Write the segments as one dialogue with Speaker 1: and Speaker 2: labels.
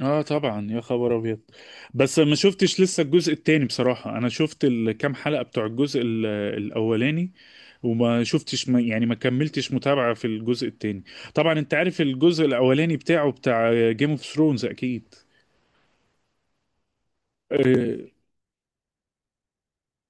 Speaker 1: اه طبعا يا خبر ابيض. بس ما شفتش لسه الجزء التاني بصراحة، انا شفت الكام حلقة بتوع الجزء الاولاني. وما شفتش، ما يعني ما كملتش متابعة في الجزء التاني. طبعا انت عارف الجزء الاولاني بتاعه بتاع جيم اوف ثرونز اكيد.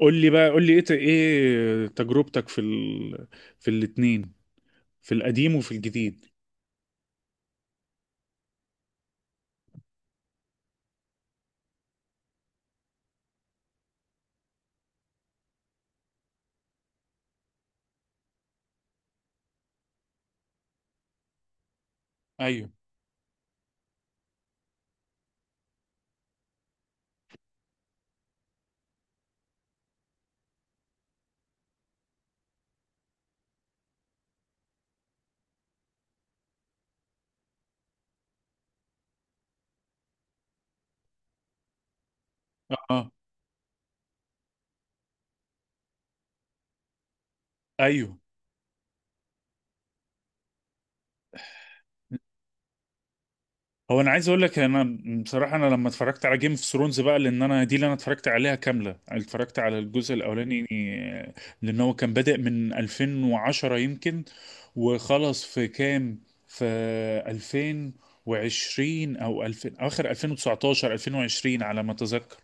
Speaker 1: قول لي بقى، قول لي ايه تجربتك في في الاتنين، في القديم وفي الجديد؟ ايوه، اه، ايوه. هو انا عايز اقول لك، انا بصراحه انا لما اتفرجت على جيم اوف ثرونز بقى، لان انا دي اللي انا اتفرجت عليها كامله. اتفرجت على الجزء الاولاني، لان هو كان بادئ من 2010 يمكن، وخلص في كام، في 2020 او 2000، اخر 2019 2020 على ما اتذكر.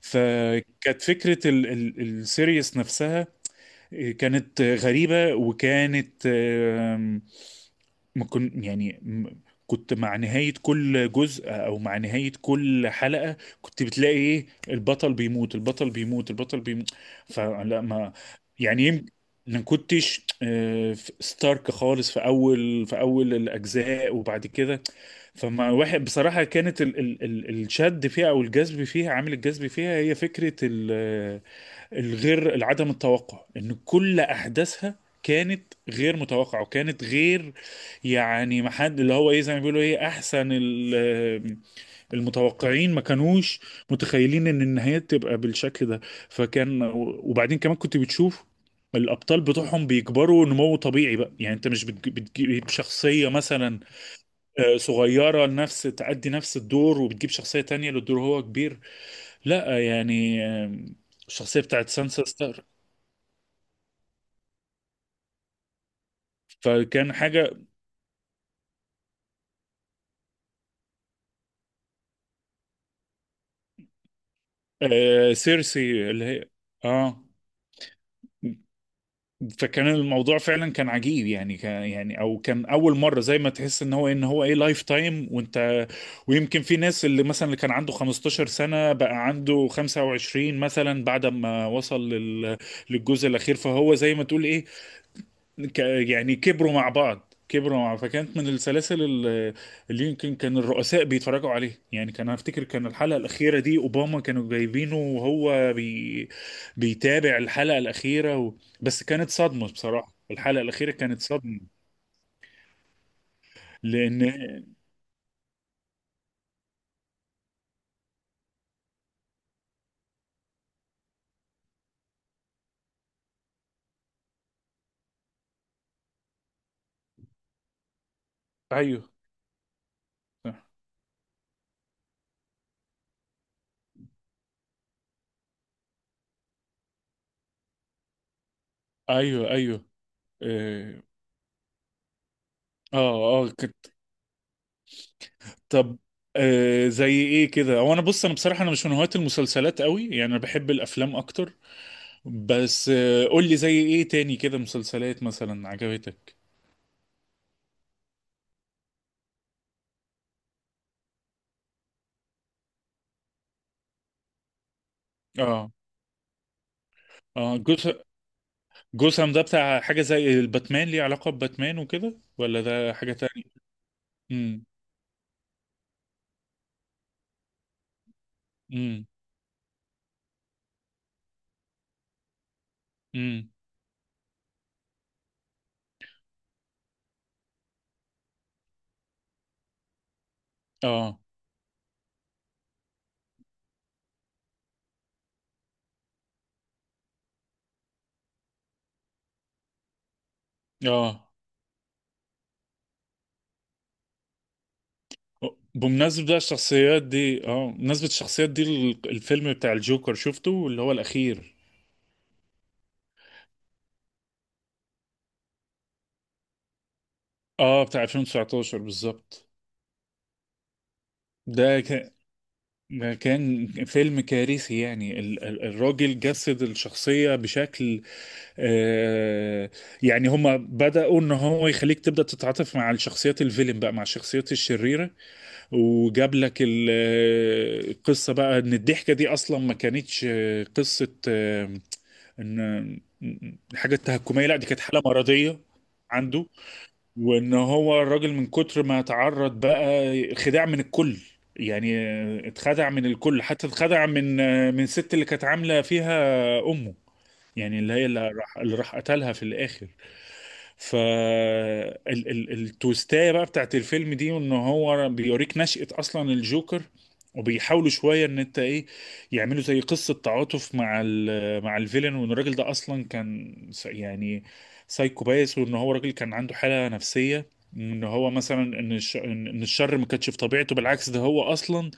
Speaker 1: فكانت فكره ال السيريس نفسها كانت غريبة، وكانت، ما كنت يعني م- كنت مع نهاية كل جزء أو مع نهاية كل حلقة كنت بتلاقي إيه، البطل بيموت، البطل بيموت، البطل بيموت. فلا، ما يعني، يمكن ما كنتش ستارك خالص في أول الأجزاء، وبعد كده فما واحد بصراحة، كانت ال الشد فيها أو الجذب فيها، عامل الجذب فيها هي فكرة العدم التوقع ان كل احداثها كانت غير متوقعه، وكانت غير، يعني ما حد اللي هو ايه، زي ما بيقولوا ايه، احسن المتوقعين ما كانوش متخيلين ان النهايات تبقى بالشكل ده. فكان، وبعدين كمان كنت بتشوف الابطال بتوعهم بيكبروا نمو طبيعي بقى. يعني انت مش بتجيب شخصيه مثلا، صغيره، نفس تأدي نفس الدور، وبتجيب شخصيه تانية للدور هو كبير، لا. يعني الشخصيه بتاعت سانسا ستار، فكان حاجة. آه سيرسي اللي هي. اه. فكان الموضوع فعلا كان عجيب، يعني كان، يعني او كان اول مره زي ما تحس ان هو إيه، ان هو ايه لايف تايم، وانت ويمكن في ناس اللي مثلا اللي كان عنده 15 سنه بقى عنده 25 مثلا، بعد ما وصل للجزء الاخير، فهو زي ما تقول ايه، ك- يعني كبروا مع بعض، كبروا مع فكانت من السلاسل اللي يمكن كان الرؤساء بيتفرجوا عليه. يعني كان، افتكر كان الحلقة الأخيرة دي أوباما كانوا جايبينه وهو بيتابع الحلقة الأخيرة. بس كانت صدمة بصراحة، الحلقة الأخيرة كانت صدمة لأن... أيوه، أيوه، أيوه، آه، آه، آه، كنت. طب، زي إيه كده؟ هو أنا بص، أنا بصراحة أنا مش من هواة المسلسلات قوي، يعني أنا بحب الأفلام أكتر. بس قول لي زي ايه تاني كده مسلسلات مثلا عجبتك؟ اه، اه. جوسام ده بتاع حاجة زي الباتمان؟ ليه علاقة بباتمان وكده، ولا ده حاجة تانية؟ امم، امم، امم، اه، اه. بمناسبة بقى الشخصيات دي، اه، بمناسبة الشخصيات دي الفيلم بتاع الجوكر شفته اللي هو الأخير؟ اه، بتاع 2019 بالظبط. ده كان ده كان فيلم كارثي يعني، الراجل جسد الشخصية بشكل، آه، يعني هما بدأوا ان هو يخليك تبدأ تتعاطف مع الشخصيات الفيلم بقى، مع الشخصيات الشريرة، وجاب لك القصة بقى ان الضحكة دي اصلا ما كانتش قصة، ان حاجة تهكمية، لا دي كانت حالة مرضية عنده. وان هو الراجل من كتر ما تعرض بقى خداع من الكل، يعني اتخدع من الكل، حتى اتخدع من، من الست اللي كانت عاملة فيها امه، يعني اللي هي، اللي راح، اللي راح قتلها في الاخر. ف التويستايه بقى بتاعت الفيلم دي ان هو بيوريك نشأة اصلا الجوكر، وبيحاولوا شويه ان انت ايه، يعملوا زي قصه تعاطف مع مع الفيلن، وان الراجل ده اصلا كان يعني سايكو بايس، وان هو راجل كان عنده حاله نفسيه، ان هو مثلا ان إن الشر ما كانش في طبيعته، بالعكس ده هو اصلا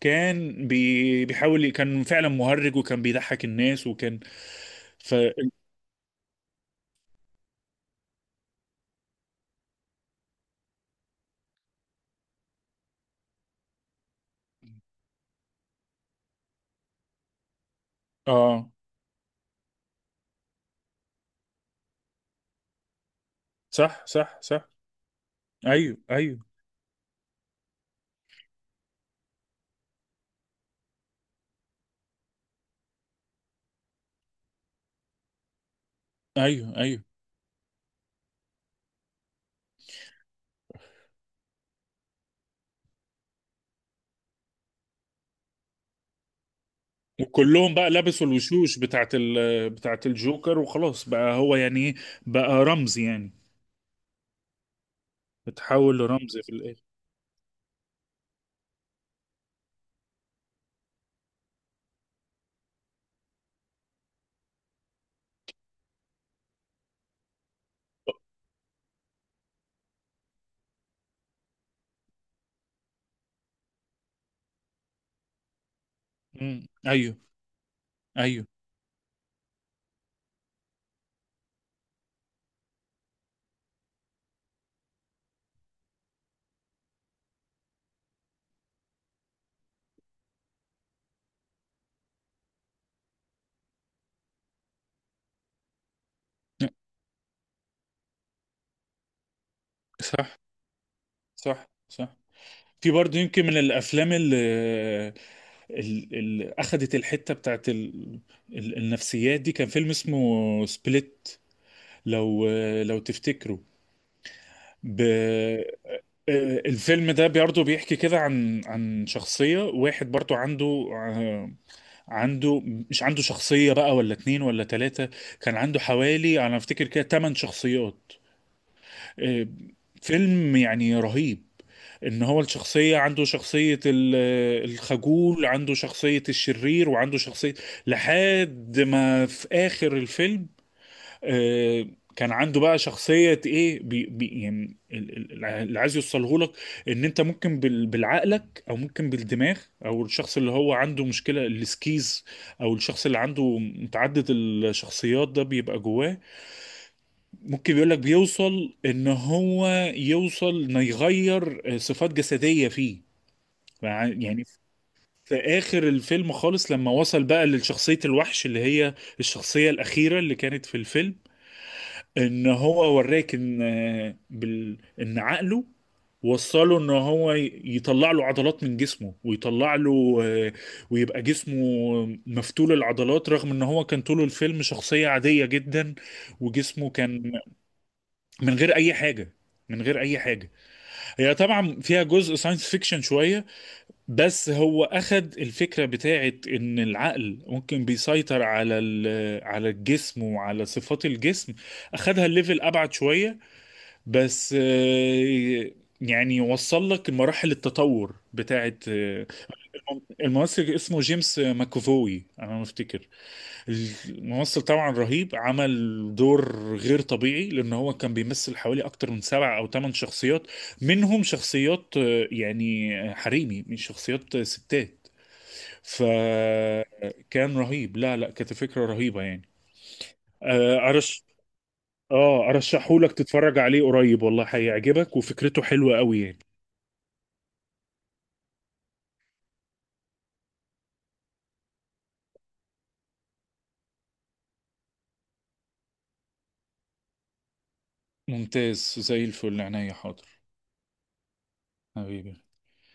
Speaker 1: كان بيحاول، كان فعلا مهرج وكان بيضحك الناس، وكان. اه، صح، صح، صح، ايوه، ايوه، ايوه، ايوه. وكلهم بقى لبسوا الوشوش بتاعت بتاعت الجوكر، وخلاص بقى هو يعني ايه، بقى رمز يعني، اتحول لرمز في الاخر. أمم، ايوه، ايوه، صح، صح، صح. في برضه يمكن من الافلام اللي اخذت الحته بتاعت النفسيات دي، كان فيلم اسمه سبليت. لو، لو تفتكروا. ب... آه، الفيلم ده برضه بيحكي كده عن شخصية واحد برضه آه، عنده، مش عنده شخصية بقى ولا اتنين ولا تلاتة، كان عنده حوالي، أنا أفتكر كده، تمن شخصيات. آه، فيلم يعني رهيب، إن هو الشخصية عنده شخصية الخجول، عنده شخصية الشرير، وعنده شخصية، لحد ما في آخر الفيلم آه، كان عنده بقى شخصية ايه، بي بي يعني اللي عايز يوصله لك، ان انت ممكن بالعقلك او ممكن بالدماغ، او الشخص اللي هو عنده مشكلة السكيز، او الشخص اللي عنده متعدد الشخصيات ده بيبقى جواه، ممكن، بيقول لك بيوصل ان هو يوصل انه يغير صفات جسدية فيه. يعني في اخر الفيلم خالص لما وصل بقى لشخصية الوحش، اللي هي الشخصية الأخيرة اللي كانت في الفيلم، ان هو وراك ان، ان عقله وصله ان هو يطلع له عضلات من جسمه، ويطلع له، ويبقى جسمه مفتول العضلات، رغم ان هو كان طول الفيلم شخصية عادية جدا، وجسمه كان من غير اي حاجة، من غير اي حاجة. هي طبعا فيها جزء ساينس فيكشن شوية، بس هو اخد الفكرة بتاعت ان العقل ممكن بيسيطر على على الجسم وعلى صفات الجسم، اخدها الليفل ابعد شوية. بس يعني وصل لك مراحل التطور بتاعت الممثل اسمه جيمس ماكوفوي، انا ما افتكر، الممثل طبعا رهيب، عمل دور غير طبيعي لان هو كان بيمثل حوالي اكتر من سبع او ثمان شخصيات، منهم شخصيات يعني حريمي، من شخصيات ستات، فكان رهيب، لا لا كانت فكرة رهيبة يعني. آه، ارش اه ارشحهولك تتفرج عليه قريب، والله هيعجبك، وفكرته حلوة قوي يعني. ممتاز زي الفل، عينيا، حاضر، حبيبي.